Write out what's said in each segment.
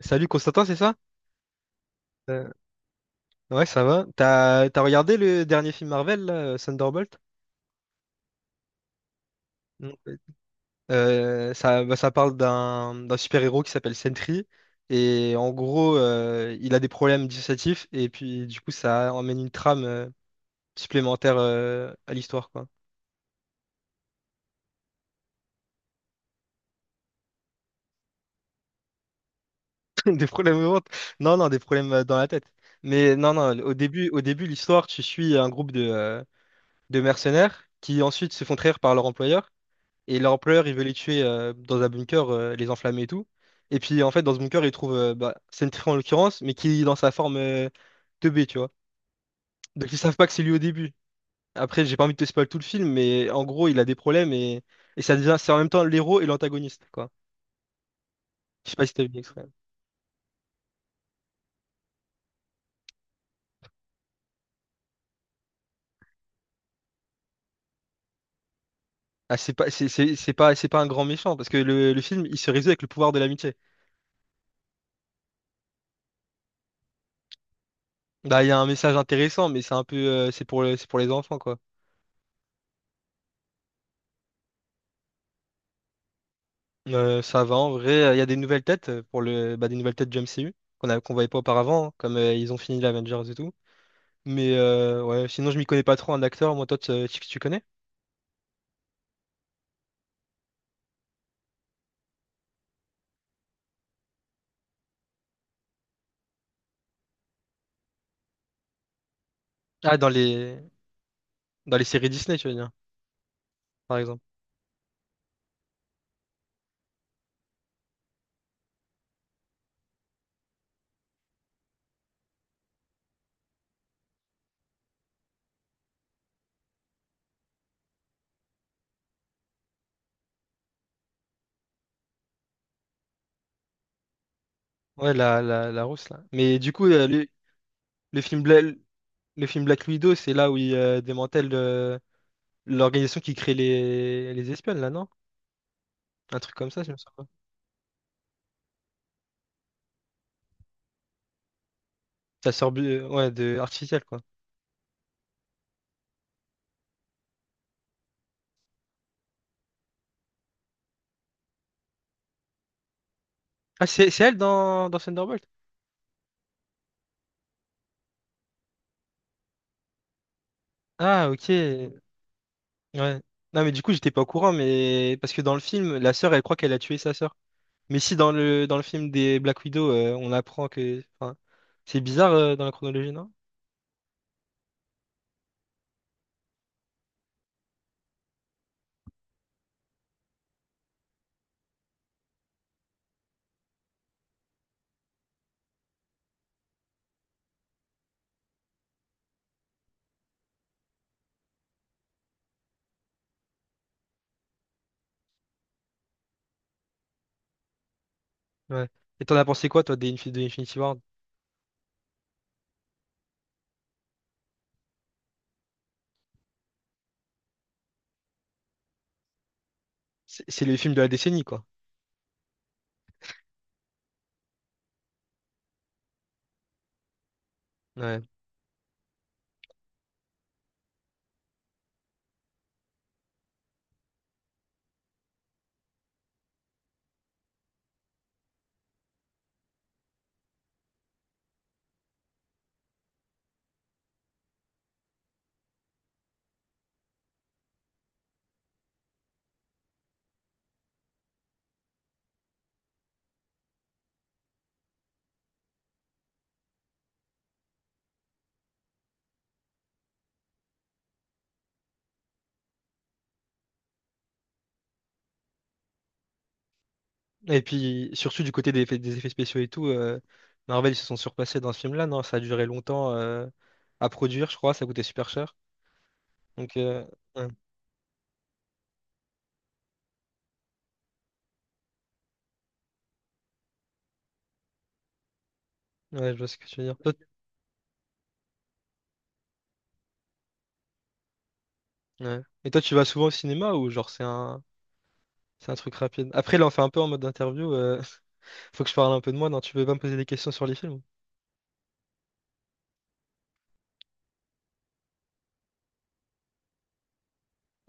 Salut Constantin, c'est ça? Euh, ouais, ça va. T'as regardé le dernier film Marvel, là, Thunderbolt? Non. Ça, bah, ça parle d'un super-héros qui s'appelle Sentry. Et en gros, il a des problèmes dissociatifs. Et puis, du coup, ça emmène une trame supplémentaire à l'histoire, quoi. Des problèmes au ventre. Non, non, des problèmes dans la tête. Mais non, non, au début, l'histoire, tu suis un groupe de mercenaires qui ensuite se font trahir par leur employeur. Et l'empereur, il veut les tuer dans un bunker, les enflammer et tout. Et puis, en fait, dans ce bunker, il trouve bah, Sentry en l'occurrence, mais qui est dans sa forme 2B, tu vois. Donc, ils savent pas que c'est lui au début. Après, j'ai pas envie de te spoiler tout le film, mais en gros, il a des problèmes et ça devient, c'est en même temps l'héros et l'antagoniste, quoi. Je sais pas si t'as vu l'extrait. Ah, c'est pas un grand méchant, parce que le film, il se résout avec le pouvoir de l'amitié. Bah, il y a un message intéressant, mais c'est un peu, c'est pour, c'est pour les enfants, quoi. Ça va en vrai. Il y a des nouvelles têtes pour des nouvelles têtes du MCU qu'on a, qu'on voyait pas auparavant, hein, comme ils ont fini l'Avengers et tout. Mais ouais, sinon je m'y connais pas trop en acteur. Moi, toi, tu, tu connais? Ah, dans les séries Disney, tu veux dire, par exemple. Ouais, la rousse là. Mais du coup, le, le film Bla- le film Black Widow, c'est là où il démantèle l'organisation qui crée les espionnes là, non? Un truc comme ça, si je me sens. Ouais, de artificielle quoi. Ah, c'est elle dans, dans Thunderbolt? Ah, ok. Ouais. Non, mais du coup, j'étais pas au courant, mais parce que dans le film, la sœur, elle croit qu'elle a tué sa sœur. Mais si dans le, dans le film des Black Widow, on apprend que. Enfin, c'est bizarre dans la chronologie, non? Ouais. Et t'en as pensé quoi, toi, de Infinity War? C'est le film de la décennie, quoi. Ouais. Et puis, surtout du côté des effets spéciaux et tout, Marvel, ils se sont surpassés dans ce film-là, non? Ça a duré longtemps à produire, je crois, ça coûtait super cher. Donc, ouais. Ouais, je vois ce que tu veux dire. Ouais. Et toi, tu vas souvent au cinéma ou genre c'est un truc rapide? Après, là, on fait un peu en mode interview. Faut que je parle un peu de moi. Non, tu peux pas me poser des questions sur les films.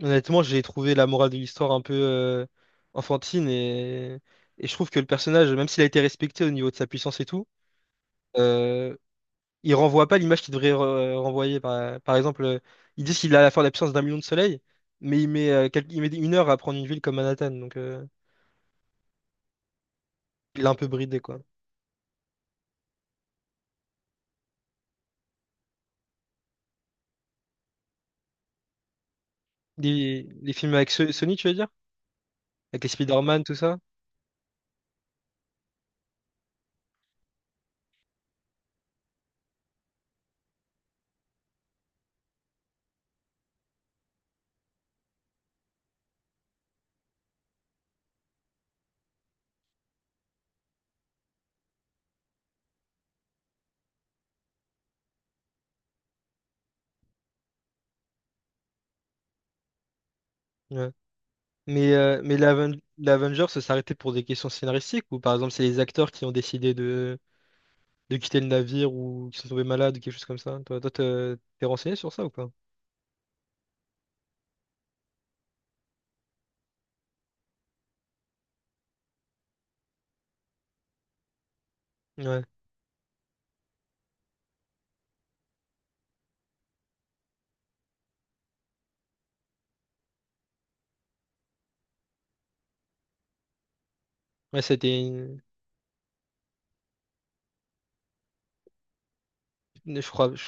Honnêtement, j'ai trouvé la morale de l'histoire un peu enfantine et je trouve que le personnage, même s'il a été respecté au niveau de sa puissance et tout, euh, il renvoie pas l'image qu'il devrait renvoyer. Par, par exemple, ils disent qu'il a la force de la puissance d'un million de soleils, mais il met, il met une heure à prendre une ville comme Manhattan, donc il l'a un peu bridé quoi. Les films avec Sony, tu veux dire? Avec les Spider-Man, tout ça? Ouais. Mais, mais l'Avengers ça s'arrêtait pour des questions scénaristiques ou par exemple c'est les acteurs qui ont décidé de quitter le navire ou qui sont tombés malades ou quelque chose comme ça? Toi, t'es renseigné sur ça ou pas? Ouais. Ouais, c'était une... je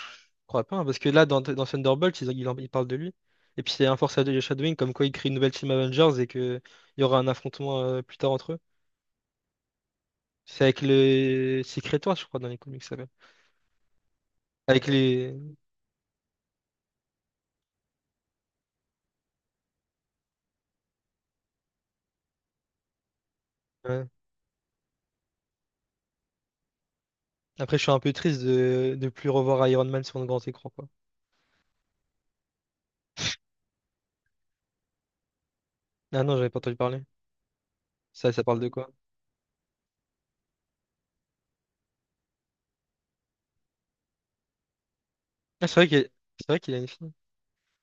crois pas, hein, parce que là, dans, dans Thunderbolt, ils parlent de lui. Et puis c'est un force de Shadowing, comme quoi il crée une nouvelle team Avengers et que il y aura un affrontement plus tard entre eux. C'est avec le Secret Wars, je crois, dans les comics, ça s'appelle. Avec les... ouais. Après, je suis un peu triste de plus revoir Iron Man sur le grand écran, quoi. Ah non, j'avais pas entendu parler. Ça parle de quoi? Ah, c'est vrai qu'il a une fille.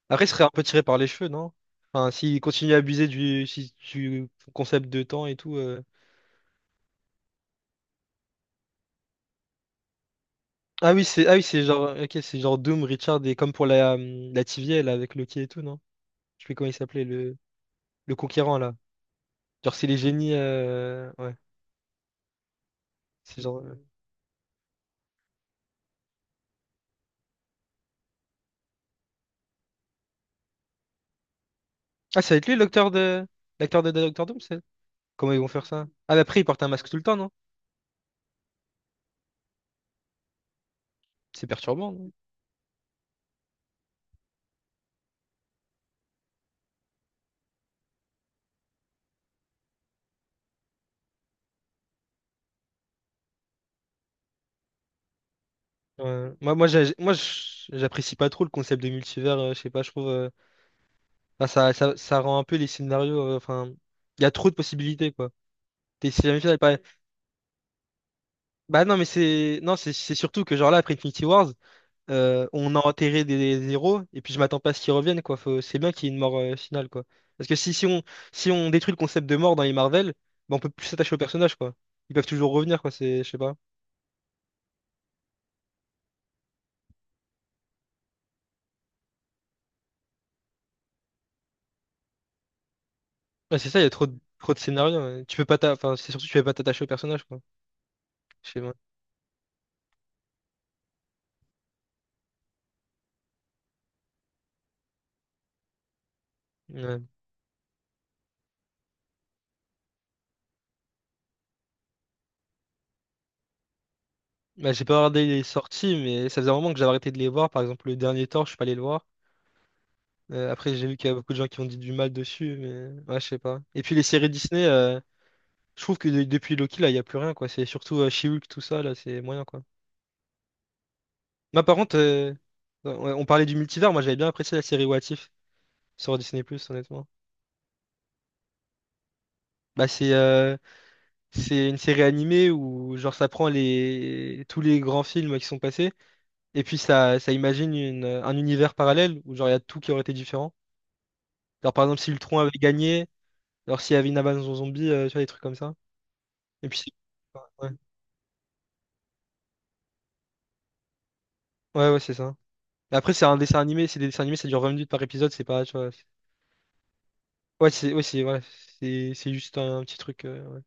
Après, il serait un peu tiré par les cheveux, non? Enfin, s'il continue à abuser du, si- du concept de temps et tout. Ah oui, c'est genre Doom, Richard et comme pour la TVA là avec Loki et tout, non? Je sais plus comment il s'appelait le conquérant là. Genre c'est les génies ouais, c'est genre. Ah, ça va être lui l'acteur de Doctor Doom, c'est? Comment ils vont faire ça? Ah, mais après il porte un masque tout le temps, non? C'est perturbant, ouais. Moi, j'apprécie pas trop le concept de multivers. Je sais pas, je trouve. Enfin, ça rend un peu les scénarios. Enfin, il y a trop de possibilités, quoi. T'es si jamais final, pas... Bah non, mais c'est. Non, c'est surtout que, genre là, après Infinity Wars, on a enterré des héros, et puis je m'attends pas à ce qu'ils reviennent, quoi. Faut... C'est bien qu'il y ait une mort finale, quoi. Parce que si on, si on détruit le concept de mort dans les Marvel, bah, on peut plus s'attacher aux personnages, quoi. Ils peuvent toujours revenir, quoi. C'est, je sais pas. Ouais, c'est ça, il y a trop de scénarios. Ouais. Tu peux pas t'a- Enfin, c'est surtout que tu peux pas t'attacher aux personnages, quoi. Je sais pas. Ouais. Bah, j'ai pas regardé les sorties, mais ça faisait un moment que j'avais arrêté de les voir. Par exemple, le dernier Thor, je suis pas allé le voir. Après, j'ai vu qu'il y a beaucoup de gens qui ont dit du mal dessus, mais ouais, je sais pas. Et puis les séries Disney, je trouve que depuis Loki, là, il y a plus rien, quoi. C'est surtout She-Hulk, tout ça, là, c'est moyen, quoi. Moi, par contre, ouais, on parlait du multivers, moi, j'avais bien apprécié la série What If sur Disney+, honnêtement. Bah, c'est une série animée où, genre, ça prend les tous les grands films qui sont passés, et puis ça imagine un univers parallèle où, genre, il y a tout qui aurait été différent. Genre, par exemple, si Ultron avait gagné, genre, s'il y avait une avance en zombie, tu vois, des trucs comme ça. Et puis, ouais, ouais, c'est ça. Mais après, c'est un dessin animé, c'est des dessins animés, ça dure 20 minutes par épisode, c'est pas, tu vois. Ouais, voilà, c'est juste un, petit truc.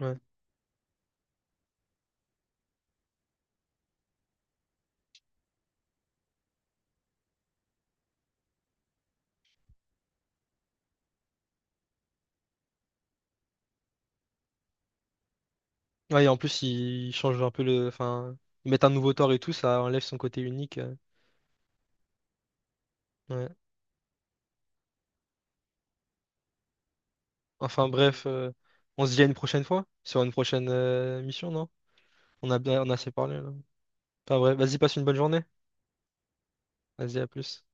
Ouais. Ouais. Ouais, et en plus, ils changent un peu le. Enfin, ils mettent un nouveau tort et tout, ça enlève son côté unique. Ouais. Enfin, bref, on se dit à une prochaine fois, sur une prochaine mission, non? On a bien, on a assez parlé, là. Enfin, bref, vas-y, passe une bonne journée. Vas-y, à plus.